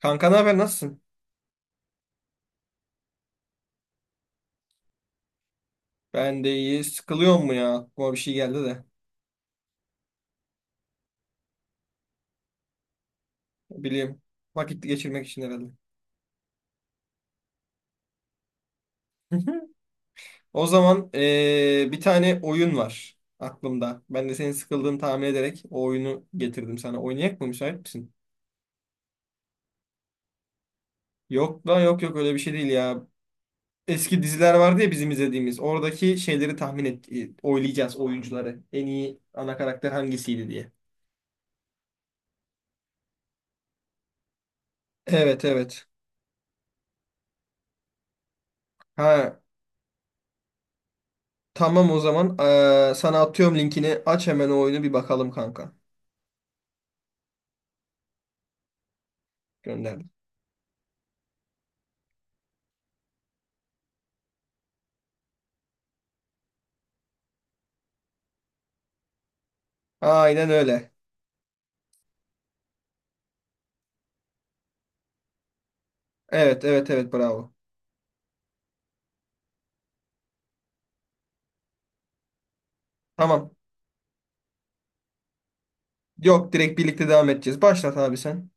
Kanka ne haber nasılsın? Ben de iyi. Sıkılıyor mu ya? Aklıma bir şey geldi de. Bileyim. Vakit geçirmek için herhalde. O zaman bir tane oyun var aklımda. Ben de senin sıkıldığını tahmin ederek o oyunu getirdim sana. Oynayak mı? Müsait misin? Yok lan yok yok öyle bir şey değil ya. Eski diziler vardı ya bizim izlediğimiz. Oradaki şeyleri tahmin et, oylayacağız oyuncuları. En iyi ana karakter hangisiydi diye. Evet, evet. Ha, tamam o zaman. Sana atıyorum linkini. Aç hemen o oyunu bir bakalım kanka. Gönderdim. Aynen öyle. Evet, evet, evet, bravo. Tamam. Yok, direkt birlikte devam edeceğiz. Başlat abi sen.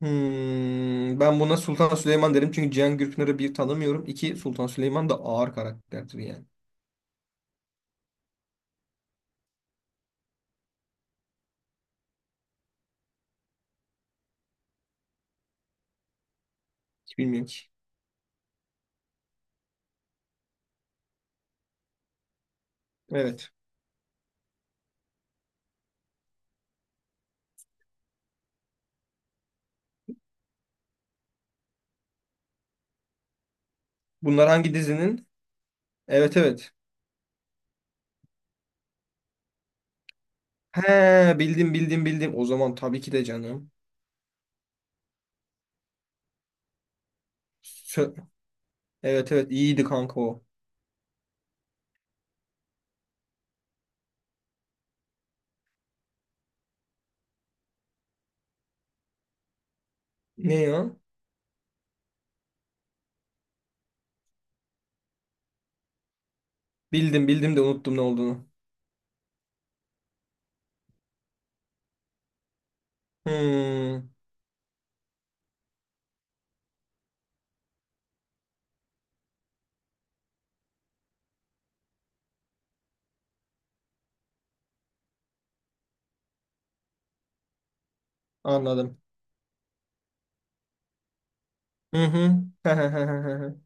Hmm, ben buna Sultan Süleyman derim çünkü Cihan Gürpınar'ı bir tanımıyorum. İki Sultan Süleyman da ağır karakterdir yani. Hiç bilmiyorum ki. Evet. Bunlar hangi dizinin? Evet, evet. He, bildim. O zaman tabii ki de canım. Sö- evet, evet, iyiydi kanka o. Ne ya? Bildim de unuttum ne olduğunu. Hmm, anladım. Hı hı.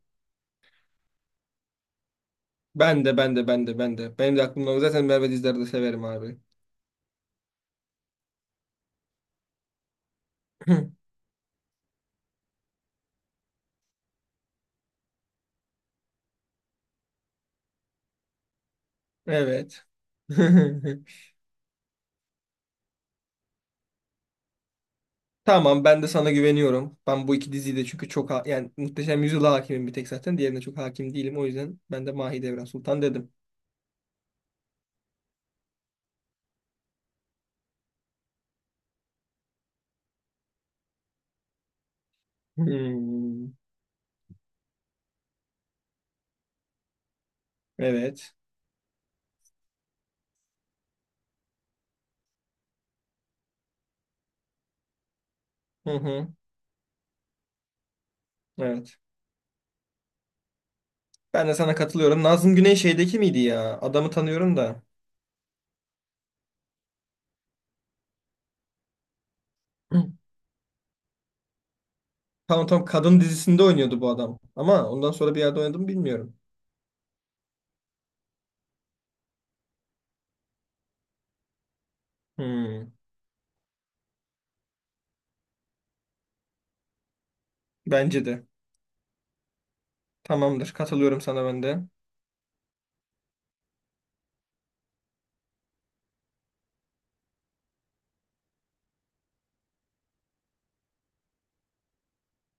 Ben de. Benim de aklımda o. Zaten Merve Dizdar'ı da severim abi. Evet. Tamam, ben de sana güveniyorum. Ben bu iki diziyi de çünkü çok yani Muhteşem Yüzyıl'a hakimim bir tek zaten. Diğerine çok hakim değilim. O yüzden ben de Mahidevran Sultan dedim. Hmm. Evet. Hı hı. Evet. Ben de sana katılıyorum. Nazım Güney şeydeki miydi ya? Adamı tanıyorum da. Hı. Tamam, kadın dizisinde oynuyordu bu adam. Ama ondan sonra bir yerde oynadı mı bilmiyorum. Hmm. Bence de. Tamamdır. Katılıyorum sana ben de.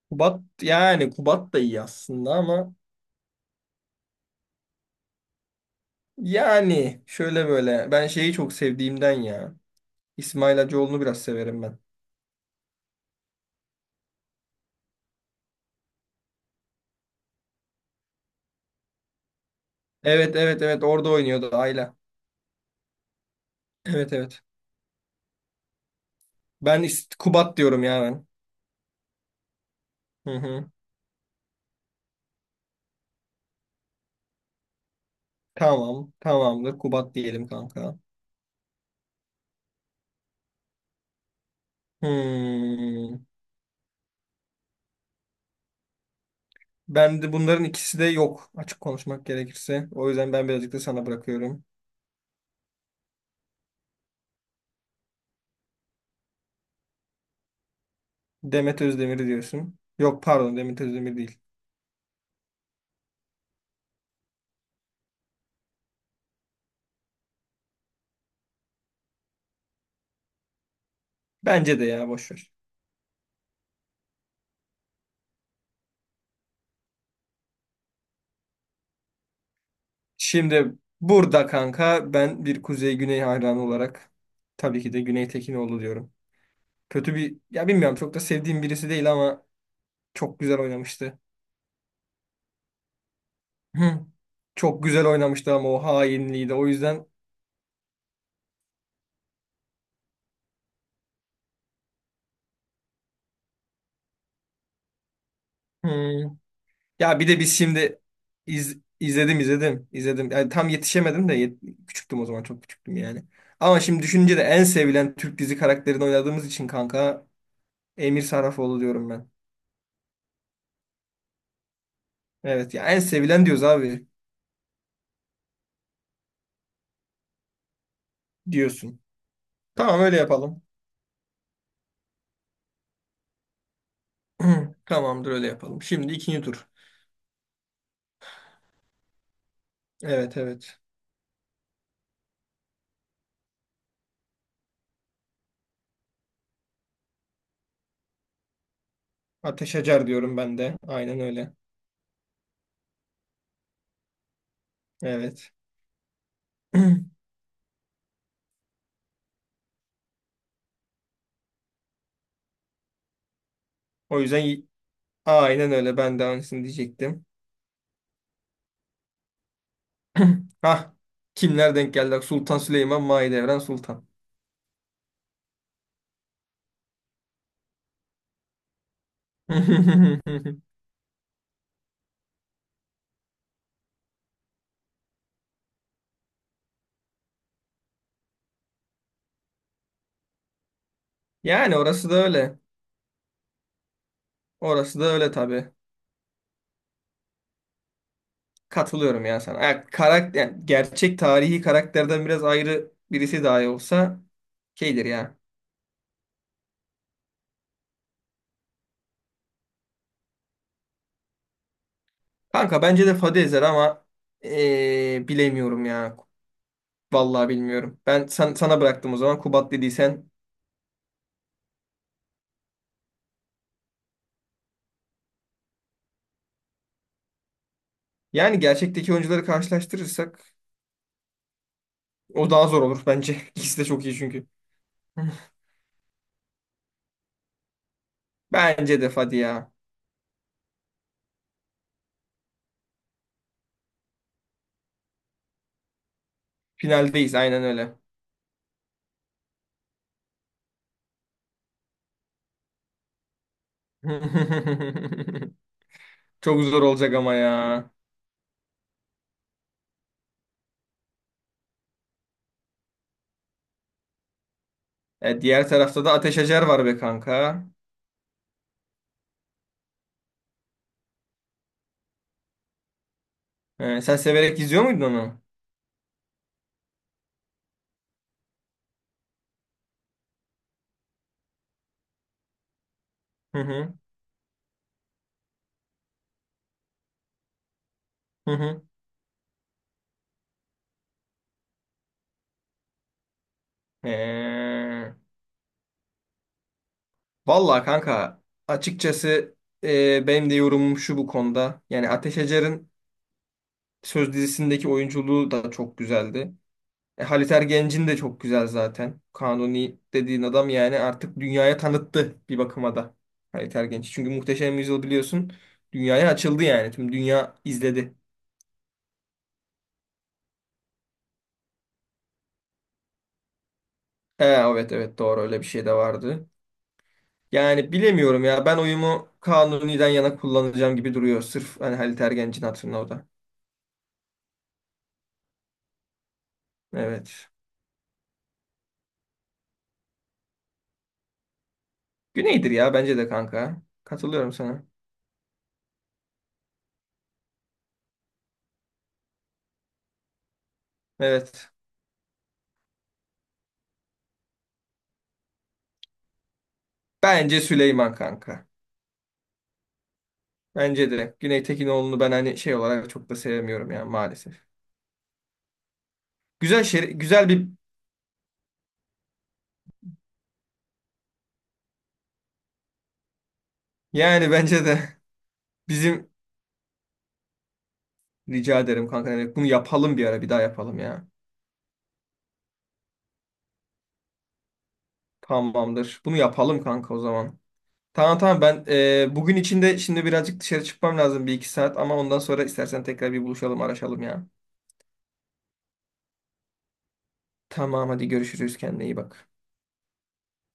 Kubat, yani Kubat da iyi aslında ama yani şöyle böyle ben şeyi çok sevdiğimden ya. İsmail Hacıoğlu'nu biraz severim ben. Evet, evet, evet, orada oynuyordu Ayla. Evet, evet. Kubat diyorum ya ben. Hı hı. Tamam tamamdır, Kubat diyelim kanka. Hmm. Ben de bunların ikisi de yok, açık konuşmak gerekirse. O yüzden ben birazcık da sana bırakıyorum. Demet Özdemir diyorsun. Yok, pardon, Demet Özdemir değil. Bence de, ya boş ver. Şimdi burada kanka ben bir Kuzey Güney hayranı olarak tabii ki de Güney Tekinoğlu diyorum. Kötü bir, ya bilmiyorum, çok da sevdiğim birisi değil ama çok güzel oynamıştı. Hı. Çok güzel oynamıştı ama o hainliği de o yüzden hı. Ya bir de biz şimdi izledim, izledim. Yani tam yetişemedim de küçüktüm o zaman, çok küçüktüm yani. Ama şimdi düşününce de en sevilen Türk dizi karakterini oynadığımız için kanka Emir Sarrafoğlu diyorum ben. Evet ya, en sevilen diyoruz abi diyorsun. Tamam, öyle yapalım. Tamamdır, öyle yapalım. Şimdi ikinci tur. Evet, evet. Ateş Acar diyorum ben de. Aynen öyle. Evet. O yüzden y- aynen öyle. Ben de aynısını diyecektim. Hah. Kimler denk geldi? Sultan Süleyman, Mahidevran Sultan. Yani orası da öyle. Orası da öyle tabii. Katılıyorum ya sana. Ya, karakter, yani gerçek tarihi karakterden biraz ayrı birisi dahi olsa şeydir ya. Kanka bence de Fadi ezer ama bilemiyorum ya. Vallahi bilmiyorum. Sana bıraktım o zaman. Kubat dediysen. Yani gerçekteki oyuncuları karşılaştırırsak o daha zor olur bence. İkisi de çok iyi çünkü. Bence de, hadi ya. Finaldeyiz, aynen öyle. Çok zor olacak ama ya. E, diğer tarafta da Ateş Acar var be kanka. E, sen severek izliyor muydun onu? Hı hı. Hı hı. E, vallahi kanka, açıkçası, benim de yorumum şu bu konuda. Yani Ateş Acar'ın Söz dizisindeki oyunculuğu da çok güzeldi. E, Halit Ergenc'in de çok güzel zaten. Kanuni dediğin adam yani artık dünyaya tanıttı bir bakıma da Halit Ergenç. Çünkü Muhteşem Yüzyıl biliyorsun dünyaya açıldı yani. Tüm dünya izledi. E, evet, evet, doğru, öyle bir şey de vardı. Yani bilemiyorum ya, ben oyumu Kanuni'den yana kullanacağım gibi duruyor. Sırf hani Halit Ergenc'in hatırına o da. Evet. Güneydir ya bence de kanka. Katılıyorum sana. Evet. Bence Süleyman kanka. Bence de Güney Tekinoğlu'nu ben hani şey olarak çok da sevmiyorum yani maalesef. Güzel şey, güzel bir, yani bence de bizim, rica ederim kanka, yani bunu yapalım bir ara, bir daha yapalım ya. Tamamdır. Bunu yapalım kanka o zaman. Tamam ben bugün içinde şimdi birazcık dışarı çıkmam lazım, bir iki saat ama ondan sonra istersen tekrar bir buluşalım, araşalım ya. Tamam, hadi görüşürüz, kendine iyi bak.